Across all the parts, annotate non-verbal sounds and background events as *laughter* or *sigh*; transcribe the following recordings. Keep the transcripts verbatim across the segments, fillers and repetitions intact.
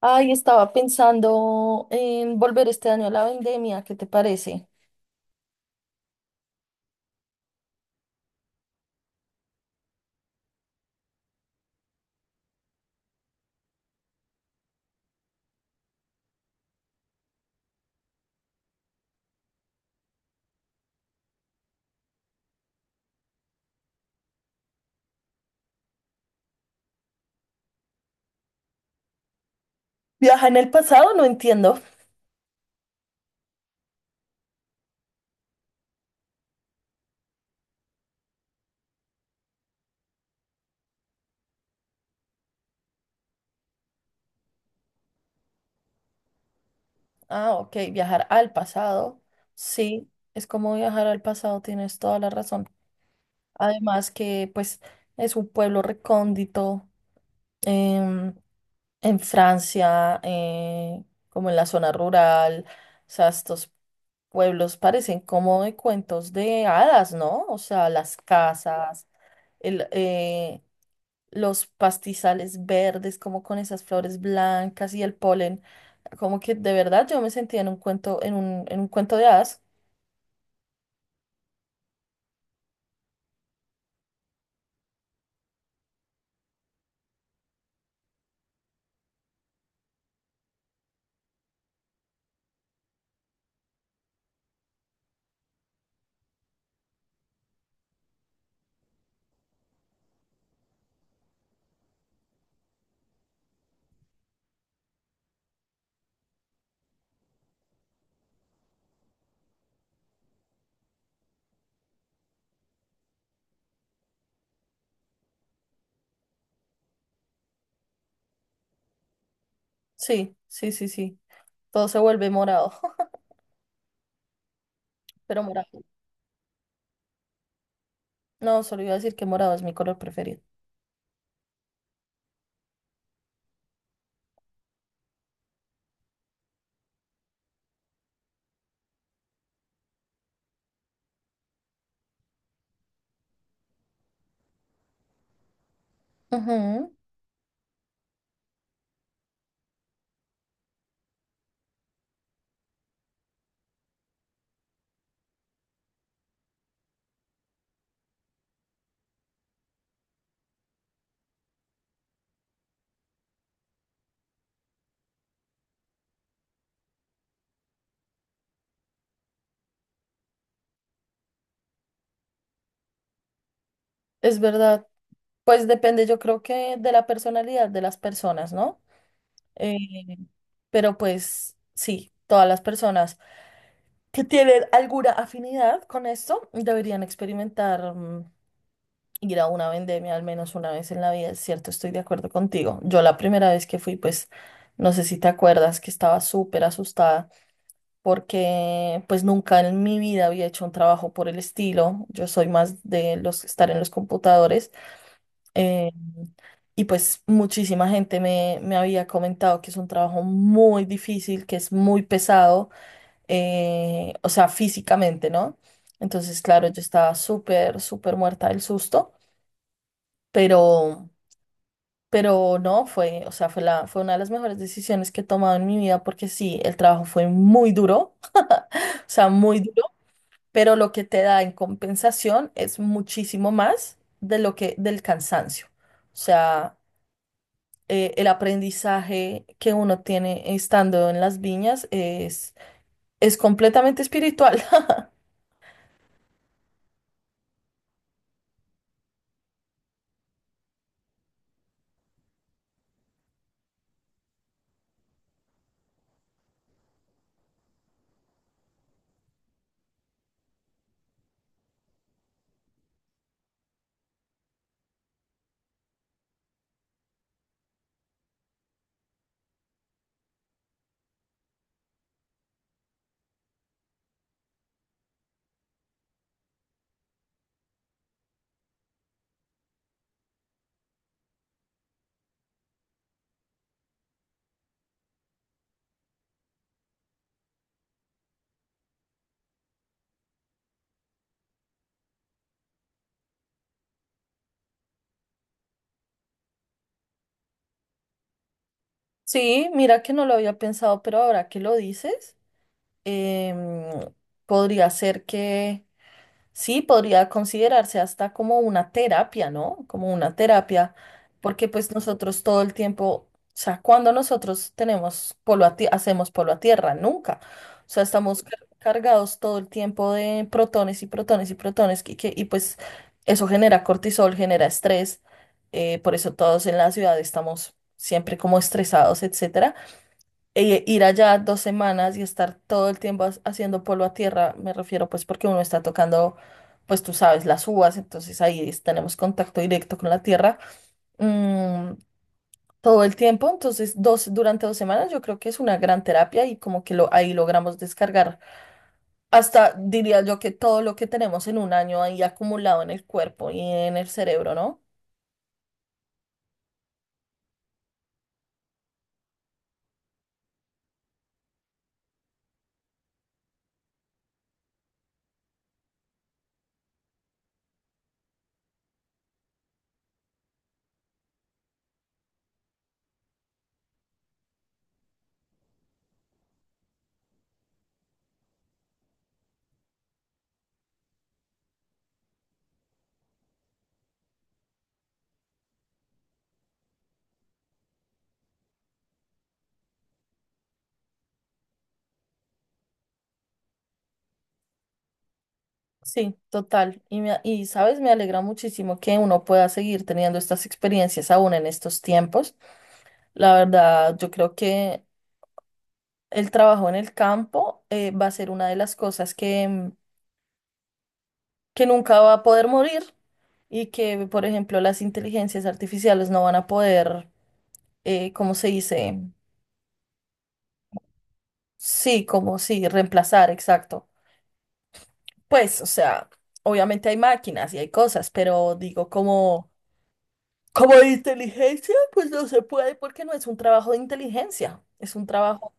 Ay, estaba pensando en volver este año a la vendemia, ¿qué te parece? ¿Viajar en el pasado? No entiendo. Ah, ok, viajar al pasado. Sí, es como viajar al pasado, tienes toda la razón. Además que pues es un pueblo recóndito em, en Francia, eh, como en la zona rural. O sea, estos pueblos parecen como de cuentos de hadas, ¿no? O sea, las casas, el, eh, los pastizales verdes, como con esas flores blancas y el polen. Como que de verdad yo me sentía en un cuento, en un, en un cuento de hadas. Sí, sí, sí, sí. Todo se vuelve morado, *laughs* pero morado. No, solo iba a decir que morado es mi color preferido. Ujú. Es verdad. Pues depende, yo creo que de la personalidad de las personas, ¿no? Eh, pero pues sí, todas las personas que tienen alguna afinidad con esto deberían experimentar, mm, ir a una vendemia al menos una vez en la vida. Es cierto, estoy de acuerdo contigo. Yo la primera vez que fui, pues, no sé si te acuerdas que estaba súper asustada porque pues nunca en mi vida había hecho un trabajo por el estilo. Yo soy más de los estar en los computadores, eh, y pues muchísima gente me, me había comentado que es un trabajo muy difícil, que es muy pesado, eh, o sea, físicamente, ¿no? Entonces, claro, yo estaba súper, súper muerta del susto, pero... Pero no, fue, o sea, fue la, fue una de las mejores decisiones que he tomado en mi vida porque sí, el trabajo fue muy duro, *laughs* o sea, muy duro, pero lo que te da en compensación es muchísimo más de lo que, del cansancio. O sea, eh, el aprendizaje que uno tiene estando en las viñas es, es completamente espiritual. *laughs* Sí, mira que no lo había pensado, pero ahora que lo dices, em, podría ser que... Sí, podría considerarse hasta como una terapia, ¿no? Como una terapia, porque pues nosotros todo el tiempo, o sea, cuando nosotros tenemos polo a ti- hacemos polo a tierra, nunca. O sea, estamos car- cargados todo el tiempo de protones y protones y protones, que, que- y pues eso genera cortisol, genera estrés. Eh, por eso todos en la ciudad estamos siempre como estresados, etcétera, e ir allá dos semanas y estar todo el tiempo ha- haciendo polvo a tierra, me refiero pues porque uno está tocando, pues tú sabes, las uvas, entonces ahí es- tenemos contacto directo con la tierra, mm, todo el tiempo. Entonces dos, durante dos semanas yo creo que es una gran terapia y como que lo, ahí logramos descargar hasta, diría yo, que todo lo que tenemos en un año ahí acumulado en el cuerpo y en el cerebro, ¿no? Sí, total. Y, me a- y sabes, me alegra muchísimo que uno pueda seguir teniendo estas experiencias aún en estos tiempos. La verdad, yo creo que el trabajo en el campo, eh, va a ser una de las cosas que, mm, que nunca va a poder morir y que, por ejemplo, las inteligencias artificiales no van a poder... eh, ¿cómo se dice? Sí, como sí, reemplazar, exacto. Pues, o sea, obviamente hay máquinas y hay cosas, pero digo, como, como de inteligencia, pues no se puede porque no es un trabajo de inteligencia, es un trabajo,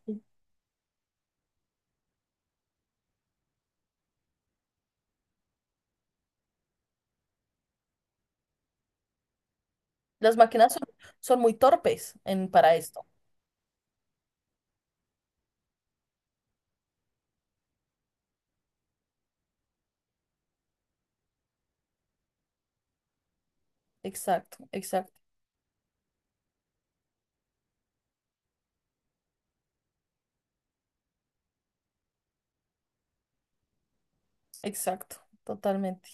las máquinas son, son muy torpes en, para esto. Exacto, exacto. Exacto, totalmente.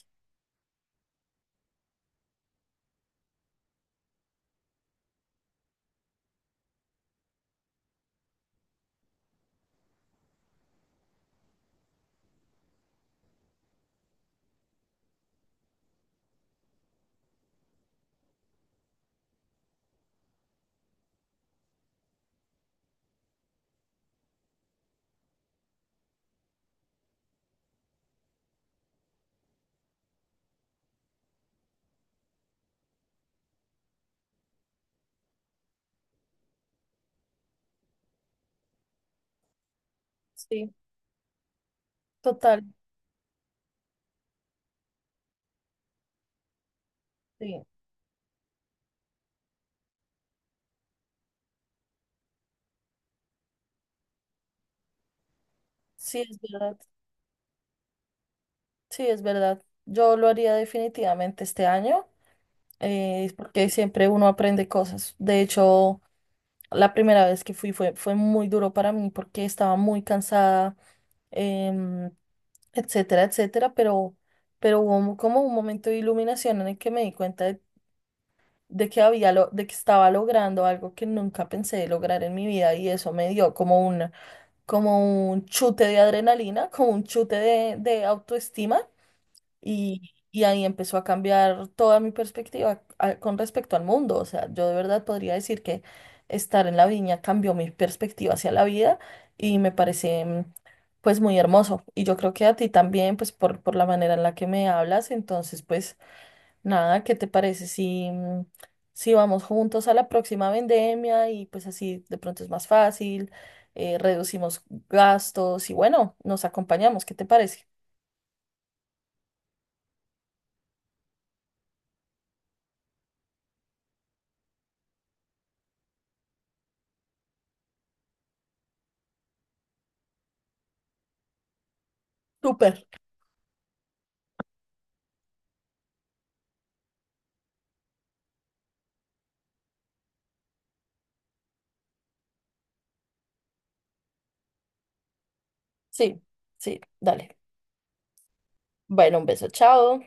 Sí, total, sí, sí es verdad, sí es verdad. Yo lo haría definitivamente este año, eh, porque siempre uno aprende cosas. De hecho, la primera vez que fui fue, fue muy duro para mí porque estaba muy cansada, em, etcétera, etcétera, pero, pero hubo un- como un momento de iluminación en el que me di cuenta de, de que había lo, de que estaba logrando algo que nunca pensé lograr en mi vida y eso me dio como una como un chute de adrenalina, como un chute de, de autoestima, y, y ahí empezó a cambiar toda mi perspectiva a- con respecto al mundo. O sea, yo de verdad podría decir que estar en la viña cambió mi perspectiva hacia la vida y me parece, mm, pues, muy hermoso. Y yo creo que a ti también, pues por, por la manera en la que me hablas, entonces pues... Nada, ¿qué te parece si, mm, si vamos juntos a la próxima vendemia y pues así de pronto es más fácil, eh, reducimos gastos y bueno, nos acompañamos, ¿qué te parece? Súper. Sí, sí, dale. Bueno, un beso, chao.